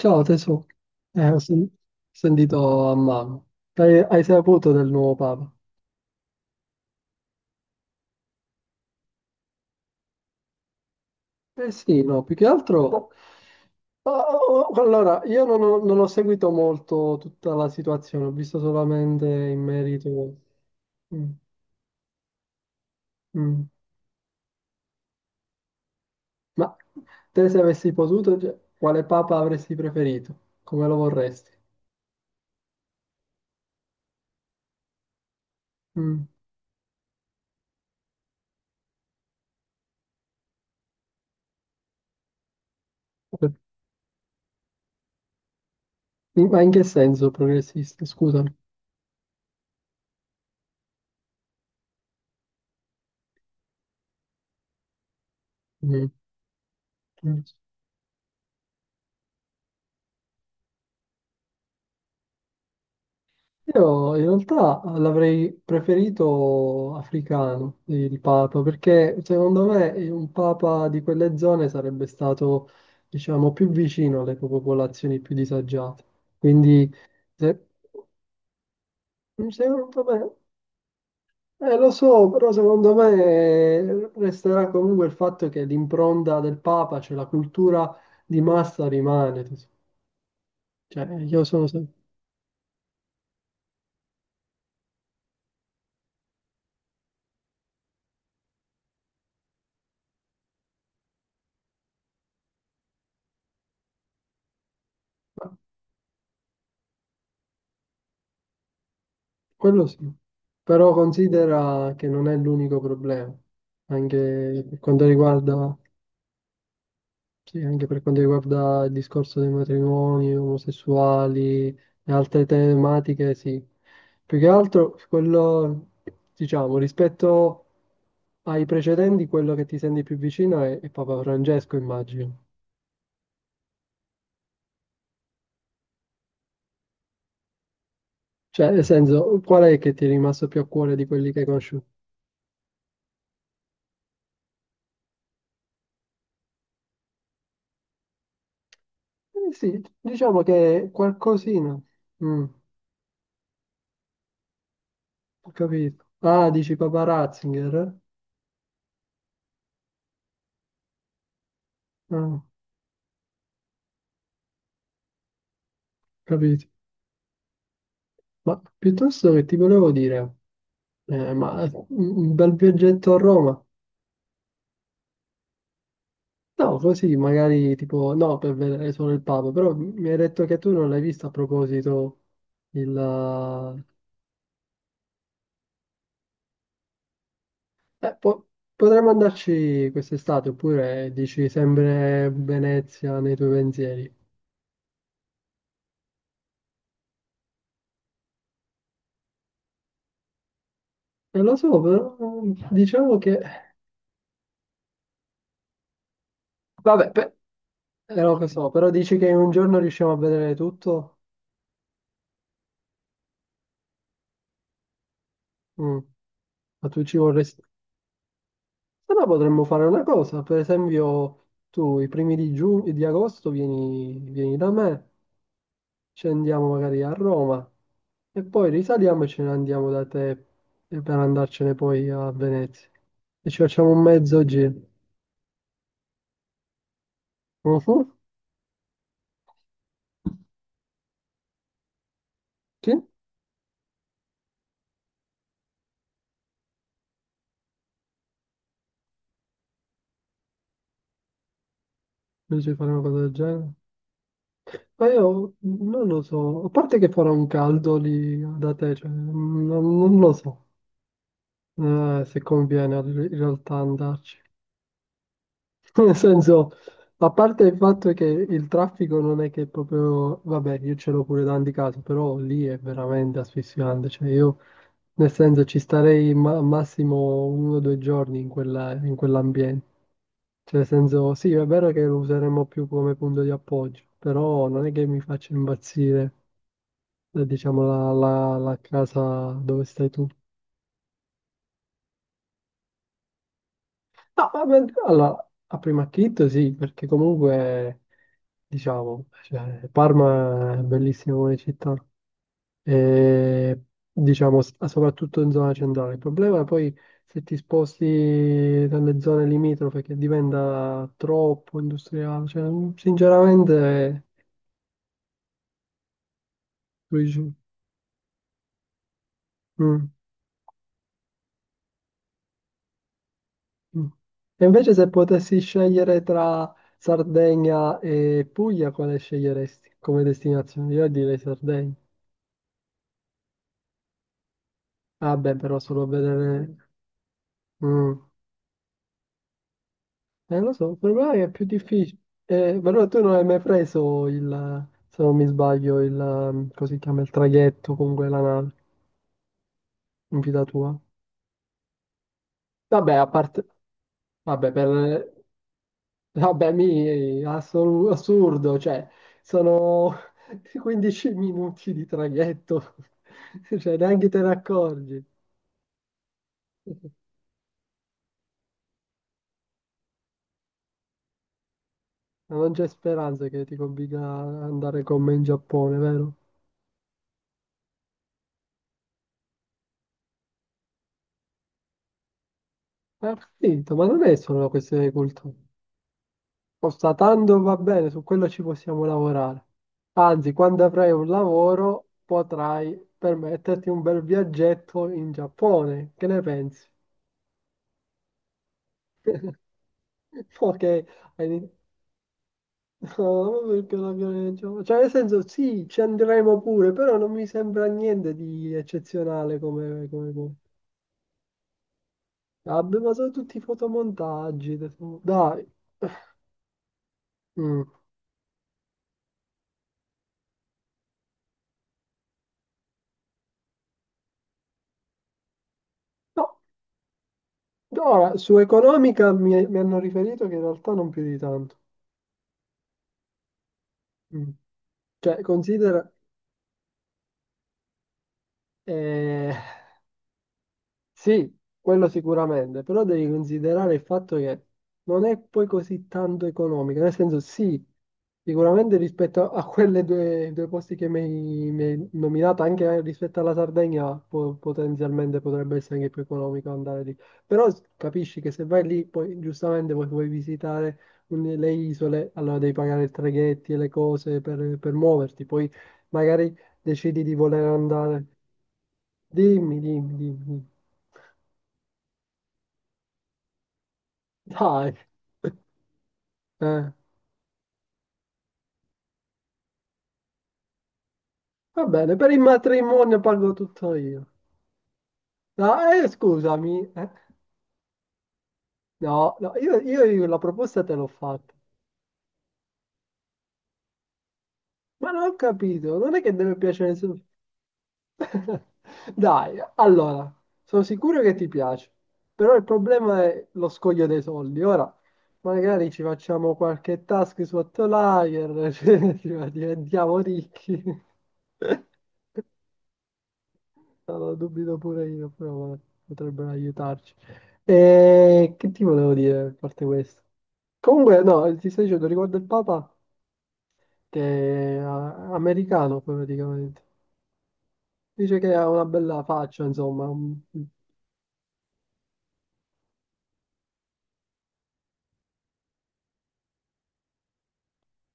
Ciao tesoro, ho sentito a mano. Hai saputo del nuovo Papa? Eh sì, no, più che altro... Ah, oh, oh, allora, io non ho seguito molto tutta la situazione, ho visto solamente in merito... Mm, mm. Ma te, se avessi potuto, cioè, quale Papa avresti preferito? Come lo vorresti? Mm. Ma in che senso progressista? Scusami. Mm. Mm. Io in realtà l'avrei preferito africano, il Papa, perché secondo me un Papa di quelle zone sarebbe stato, diciamo, più vicino alle popolazioni più disagiate. Quindi, se, secondo me, lo so, però secondo me, resterà comunque il fatto che l'impronta del Papa, cioè la cultura di massa rimane. Cioè, io sono sempre... Quello sì, però considera che non è l'unico problema, anche per quanto riguarda, sì, anche per quanto riguarda il discorso dei matrimoni omosessuali e altre tematiche, sì. Più che altro, quello, diciamo, rispetto ai precedenti, quello che ti senti più vicino è Papa Francesco, immagino. Cioè, nel senso, qual è che ti è rimasto più a cuore di quelli che hai conosciuto? Eh sì, diciamo che qualcosina. Mm. Ho capito. Ah, dici Papa Ratzinger, eh? Ah, ho capito. Ma piuttosto che ti volevo dire, ma un bel viaggetto a Roma? No, così magari tipo, no, per vedere solo il Papa, però mi hai detto che tu non l'hai visto a proposito il... eh, po- potremmo andarci quest'estate, oppure dici sempre Venezia nei tuoi pensieri. Non lo so, però, diciamo che... Vabbè, pe- lo so, però dici che in un giorno riusciamo a vedere tutto? Mm. Ma tu ci vorresti... Se no potremmo fare una cosa, per esempio tu i primi di giugno, di agosto vieni, vieni da me, scendiamo magari a Roma e poi risaliamo e ce ne andiamo da te e per andarcene poi a Venezia. E ci facciamo un mezzo giro. Mhm. Sì? Invece fare una cosa del genere? Ma io non lo so, a parte che farà un caldo lì da te, cioè, non lo so, se conviene in realtà andarci. Nel senso, a parte il fatto che il traffico non è che proprio, vabbè, io ce l'ho pure tanti casi, però lì è veramente asfissiante. Cioè, io nel senso ci starei massimo uno o due giorni in in quell'ambiente. Cioè, nel senso, sì, è vero che lo useremo più come punto di appoggio, però non è che mi faccia impazzire, diciamo, la casa dove stai tu. No, vabbè, allora, a prima acchitto sì, perché comunque, diciamo, cioè, Parma è bellissima come città, e, diciamo soprattutto in zona centrale. Il problema è poi se ti sposti dalle zone limitrofe che diventa troppo industriale, cioè, mm, sinceramente Luigi, mm, mm. E invece se potessi scegliere tra Sardegna e Puglia, quale sceglieresti come destinazione? Io direi Sardegna. Vabbè, però solo a vedere... mm. Lo so, però è più difficile. Però tu non hai mai preso il, se non mi sbaglio, il, così si chiama, il traghetto, comunque la nave, in vita tua. Vabbè, a parte, vabbè, per, vabbè, mi, assurdo, cioè, sono 15 minuti di traghetto, cioè, neanche te ne accorgi. Ma non c'è speranza che ti convinca ad andare con me in Giappone, vero? Ho capito, ma non è solo una questione di cultura. Constatando va bene, su quello ci possiamo lavorare. Anzi, quando avrai un lavoro potrai permetterti un bel viaggetto in Giappone. Che ne pensi? Ok, hai in- no, perché la violenza? Cioè, nel senso, sì, ci andremo pure, però non mi sembra niente di eccezionale come... come... come- Vabbè, ma sono tutti fotomontaggi. Adesso- Dai. Mm. No, ora su economica mi hanno riferito che in realtà non più di tanto. Mm. Cioè, considera, eh, sì, quello sicuramente, però devi considerare il fatto che non è poi così tanto economico, nel senso sì, sicuramente rispetto a quelle due posti che mi hai nominato, anche rispetto alla Sardegna, potenzialmente potrebbe essere anche più economico andare lì, però capisci che se vai lì, poi giustamente vuoi visitare le isole, allora devi pagare i traghetti e le cose per muoverti, poi magari decidi di voler andare. Dimmi, dimmi, dimmi. Dai, eh. Va bene, per il matrimonio pago tutto io. No, scusami, eh. No, no, io la proposta te l'ho fatta. Ma non ho capito, non è che deve piacere solo... Dai, allora, sono sicuro che ti piace, però il problema è lo scoglio dei soldi. Ora, magari ci facciamo qualche task su Outlier, cioè, diventiamo ricchi. Allora, dubito pure io, però vabbè, potrebbero aiutarci. E che ti volevo dire, a parte questo? Comunque, no, ti stai dicendo riguardo il Papa, che è, ah, americano poi, praticamente. Dice che ha una bella faccia, insomma, un-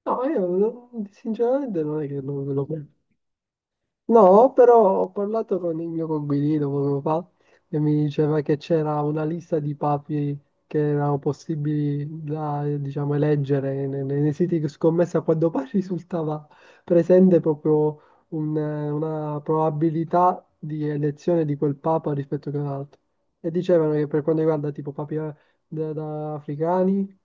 No, io non- sinceramente non è che lo, lo- No, però ho parlato con il mio coinquilino poco fa e mi diceva che c'era una lista di papi che erano possibili da, diciamo, eleggere nei siti di scommessa quando poi risultava presente proprio un, una probabilità di elezione di quel papa rispetto che un altro. E dicevano che per quanto riguarda tipo papi, da africani,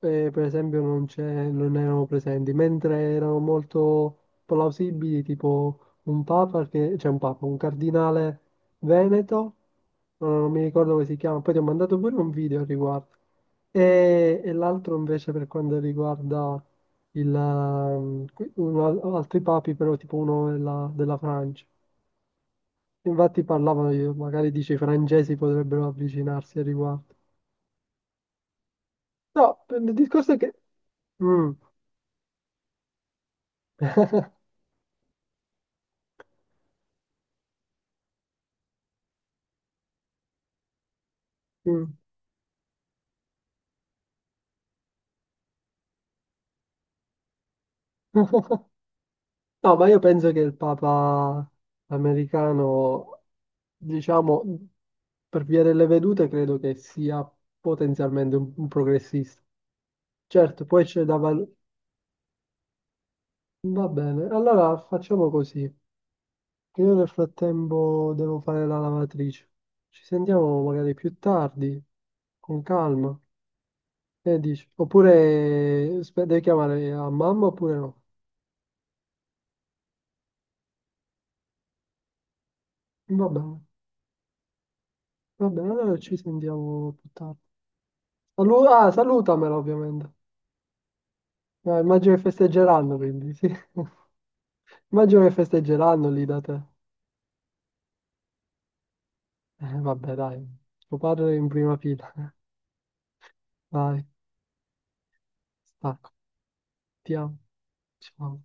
per esempio non c'è- non erano presenti, mentre erano molto plausibili, tipo un papa che, c'è un papa, un cardinale veneto, no, no, non, mi ricordo come si chiama, poi ti ho mandato pure un video al riguardo. E l'altro invece per quanto riguarda il, altri papi, però tipo uno della, della Francia. Infatti parlavano, di- magari dice i francesi potrebbero avvicinarsi al riguardo. No, il discorso è che... Mm, mm. No, ma io penso che il Papa americano, diciamo, per via delle vedute, credo che sia potenzialmente un progressista. Certo, poi c'è da valutare. Va bene, allora facciamo così, che io nel frattempo devo fare la lavatrice. Ci sentiamo magari più tardi, con calma. Che dici? Oppure spe- devi chiamare a mamma oppure no? Va bene, va bene, allora ci sentiamo più tardi. Salu- ah, salutamela ovviamente. No, immagino che festeggeranno quindi, sì. Immagino che festeggeranno lì da te. Vabbè, dai, tuo padre in prima fila. Dai, stacco, ti amo, ciao.